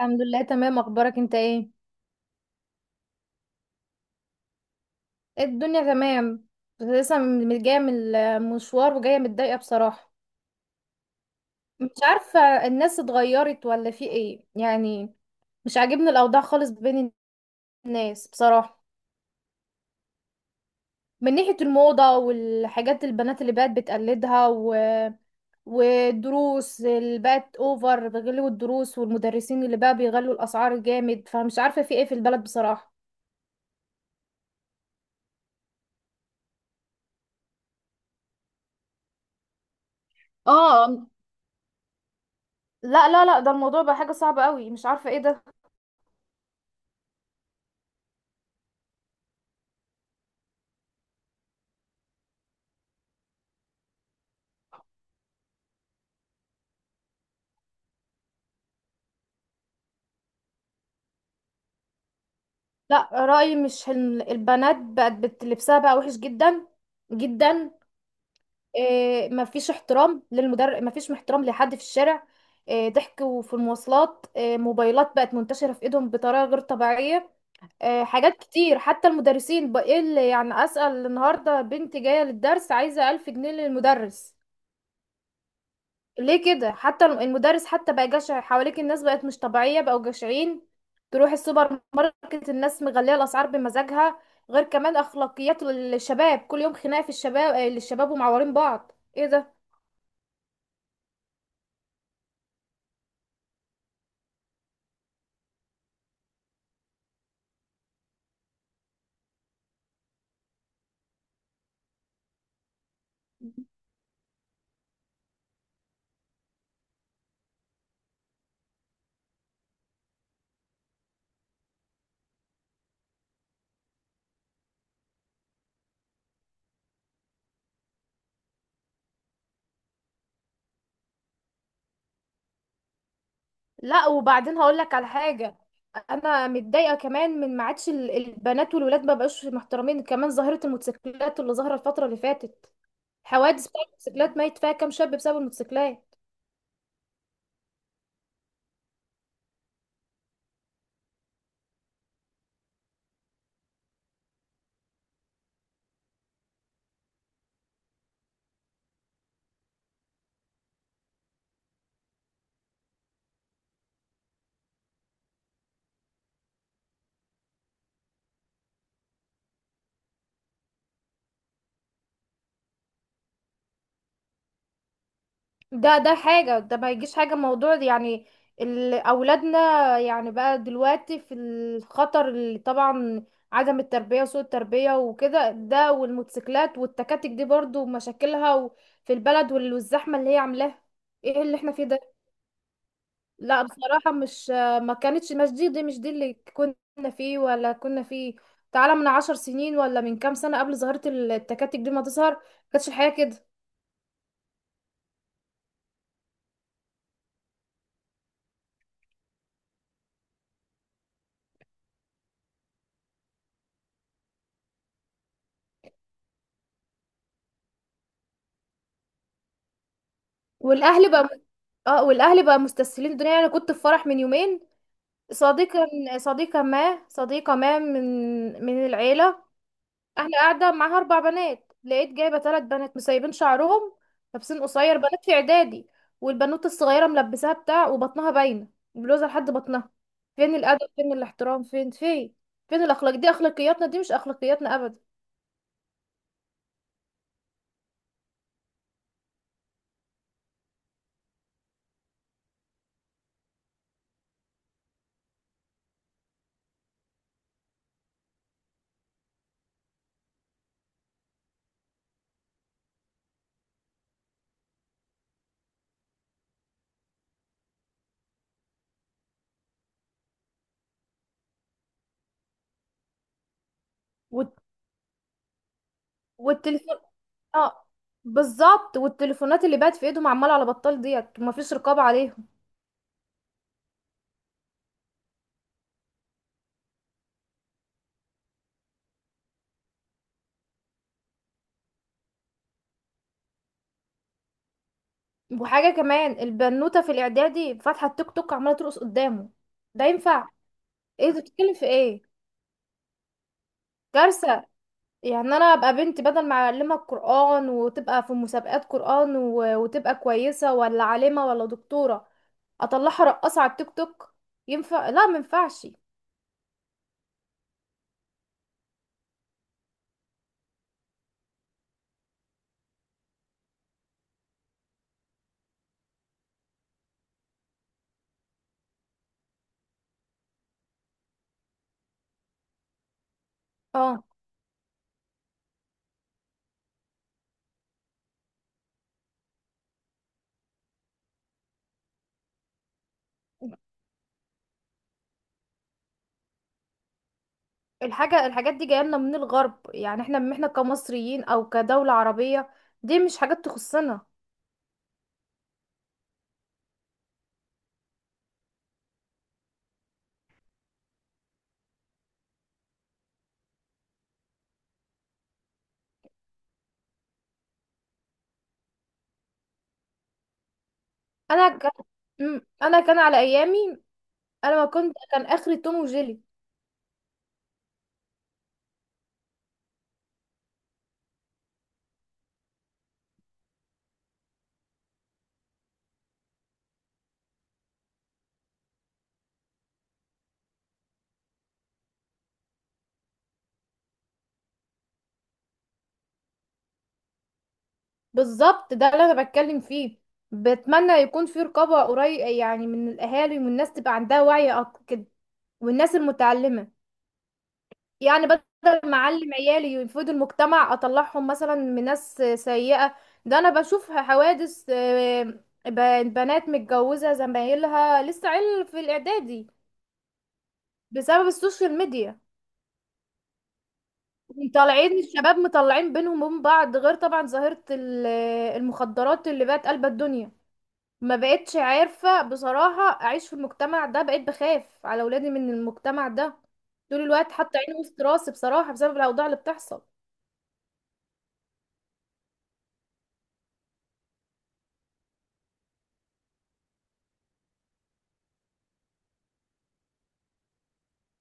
الحمد لله، تمام. اخبارك انت؟ ايه، إيه الدنيا؟ تمام. بس لسه جايه من المشوار وجايه متضايقه بصراحه. مش عارفه، الناس اتغيرت ولا في ايه يعني؟ مش عاجبني الاوضاع خالص بين الناس بصراحه. من ناحيه الموضه والحاجات، البنات اللي بقت بتقلدها والدروس اللي بقت اوفر، بيغلوا الدروس، والمدرسين اللي بقى بيغلوا الاسعار جامد، فمش عارفه في ايه في البلد بصراحه. اه، لا لا لا، ده الموضوع بقى حاجه صعبه قوي، مش عارفه ايه ده. لا، رأيي مش حلم، البنات بقت لبسها بقى وحش جدا جدا. إيه؟ مفيش احترام للمدرب، مفيش احترام لحد في الشارع. إيه؟ ضحك في المواصلات. إيه؟ موبايلات بقت منتشرة في ايدهم بطريقة غير طبيعية. إيه؟ حاجات كتير، حتى المدرسين بقى ايه اللي يعني، أسأل النهاردة بنتي جاية للدرس عايزة 1000 جنيه للمدرس. ليه كده؟ حتى المدرس حتى بقى جشع. حواليك الناس بقت مش طبيعية، بقوا جشعين. تروح السوبر ماركت، الناس مغلية الأسعار بمزاجها. غير كمان أخلاقيات الشباب، كل يوم خناقة في الشباب الشباب، ومعورين بعض. ايه ده؟ لا، وبعدين هقولك على حاجة. انا متضايقة كمان من ما عادش، البنات والولاد ما بقوش محترمين. كمان ظاهرة الموتوسيكلات اللي ظهرت الفترة اللي فاتت، حوادث بتاعت الموتوسيكلات، ميت فيها كام شاب بسبب الموتوسيكلات. ده حاجة، ده ما يجيش حاجة موضوع ده يعني. أولادنا يعني بقى دلوقتي في الخطر اللي طبعا، عدم التربية وسوء التربية وكده، ده والموتوسيكلات والتكاتك دي برضو مشاكلها في البلد، والزحمة اللي هي عاملاها. ايه اللي احنا فيه ده؟ لا بصراحة مش، ما كانتش، مش دي, دي مش دي اللي كنا فيه ولا كنا فيه. تعالى من 10 سنين ولا من كام سنة قبل ظاهرة التكاتك دي ما تظهر، كانتش الحياة كده. والاهل بقى، اه والاهل بقى مستسهلين الدنيا. يعني انا كنت في فرح من يومين، صديقة صديقة ما صديقة ما من من العيلة، احنا قاعدة معاها. اربع بنات، لقيت جايبة ثلاث بنات مسيبين شعرهم، لابسين قصير، بنات في اعدادي. والبنوت الصغيرة ملبساها بتاع وبطنها باينة، بلوزة لحد بطنها. فين الادب؟ فين الاحترام؟ فين فين؟ فين الاخلاق دي؟ اخلاقياتنا دي؟ مش اخلاقياتنا ابدا. والت- والتليفون، اه بالظبط، والتليفونات اللي بقت في ايدهم عمالة على بطال ديت، ومفيش رقابة عليهم. وحاجة كمان، البنوتة في الإعدادي فاتحة التيك توك عمالة ترقص قدامه. ده ينفع؟ ايه ده؟ بتتكلم في ايه؟ كارثة. يعني انا ابقى بنت، بدل ما اعلمها القرآن وتبقى في مسابقات قرآن وتبقى كويسة ولا عالمة ولا دكتورة، اطلعها رقاصة على التيك توك؟ ينفع؟ لا مينفعش. اه، الحاجة، الحاجات دي جاية لنا من الغرب. يعني احنا كمصريين او كدولة عربية، دي مش حاجات تخصنا. انا ك... انا كان على ايامي، انا ما كنت كان اخري توم وجيلي. بالظبط، ده اللي انا بتكلم فيه. بتمنى يكون في رقابة قريب، يعني من الاهالي، والناس تبقى عندها وعي اكتر كده، والناس المتعلمة. يعني بدل ما اعلم عيالي يفيدوا المجتمع، اطلعهم مثلا من ناس سيئة. ده انا بشوف حوادث. بنات متجوزة، زمايلها لسه عيل في الاعدادي، بسبب السوشيال ميديا. طالعين الشباب مطلعين بينهم وبين بعض. غير طبعا ظاهرة المخدرات اللي بقت قلب الدنيا. ما بقتش عارفة بصراحة اعيش في المجتمع ده، بقيت بخاف على ولادي من المجتمع ده، طول الوقت حاطة عيني وسط راسي بصراحة بسبب الاوضاع اللي بتحصل.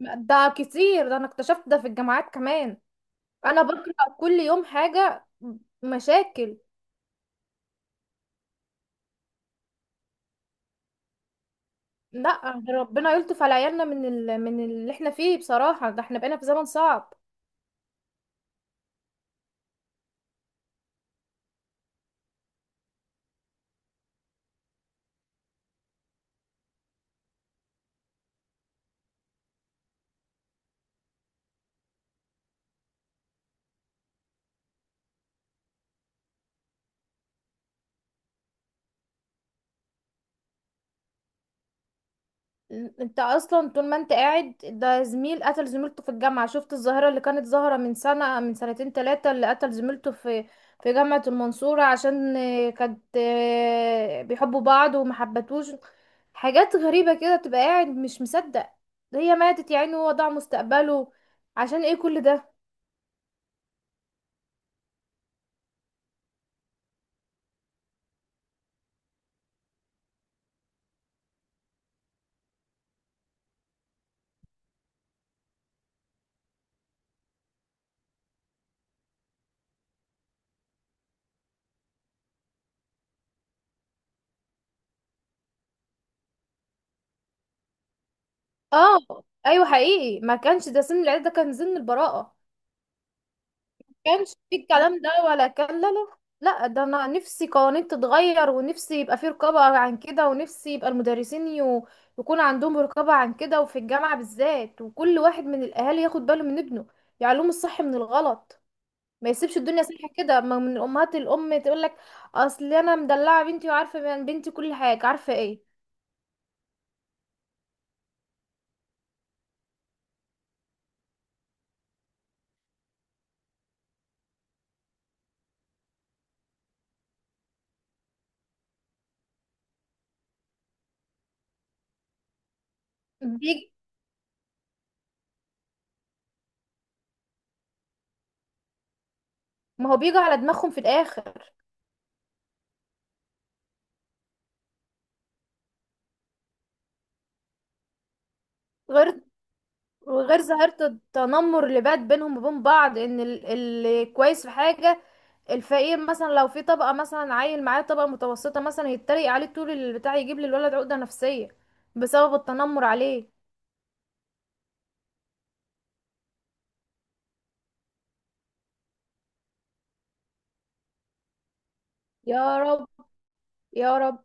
ده كتير، ده انا اكتشفت ده في الجامعات كمان، انا بقرأ كل يوم حاجة، مشاكل. لا، ربنا يلطف على عيالنا من اللي احنا فيه بصراحة، ده احنا بقينا في زمن صعب. انت اصلا طول ما انت قاعد ده، زميل قتل زميلته في الجامعة، شفت الظاهرة اللي كانت ظاهرة من سنة، من سنتين تلاتة، اللي قتل زميلته في جامعة المنصورة، عشان كانت، بيحبوا بعض ومحبتوش. حاجات غريبة كده، تبقى قاعد مش مصدق. هي ماتت يا عيني، وهو ضاع مستقبله، عشان ايه كل ده؟ اه، ايوه، حقيقي، ما كانش ده سن العيلة، ده كان سن البراءة. كانش في الكلام ده ولا كان، لا لا. لا، ده انا نفسي قوانين تتغير، ونفسي يبقى في رقابة عن كده، ونفسي يبقى المدرسين يكون عندهم رقابة عن كده، وفي الجامعة بالذات، وكل واحد من الاهالي ياخد باله من ابنه، يعلمه الصح من الغلط، ما يسيبش الدنيا سايحة كده. ما من الامهات، الام تقول لك: اصل انا مدلعة بنتي وعارفة من بنتي كل حاجة. عارفة ايه؟ بيجي، ما هو بيجي على دماغهم في الاخر. غير، وغير ظاهرة التنمر اللي بقت بينهم وبين بعض، ان اللي كويس في حاجة، الفقير مثلا، لو في طبقة مثلا عيل معاه طبقة متوسطة مثلا، يتريق عليه طول البتاع، يجيب للولد عقدة نفسية بسبب التنمر عليه. يا رب، يا رب.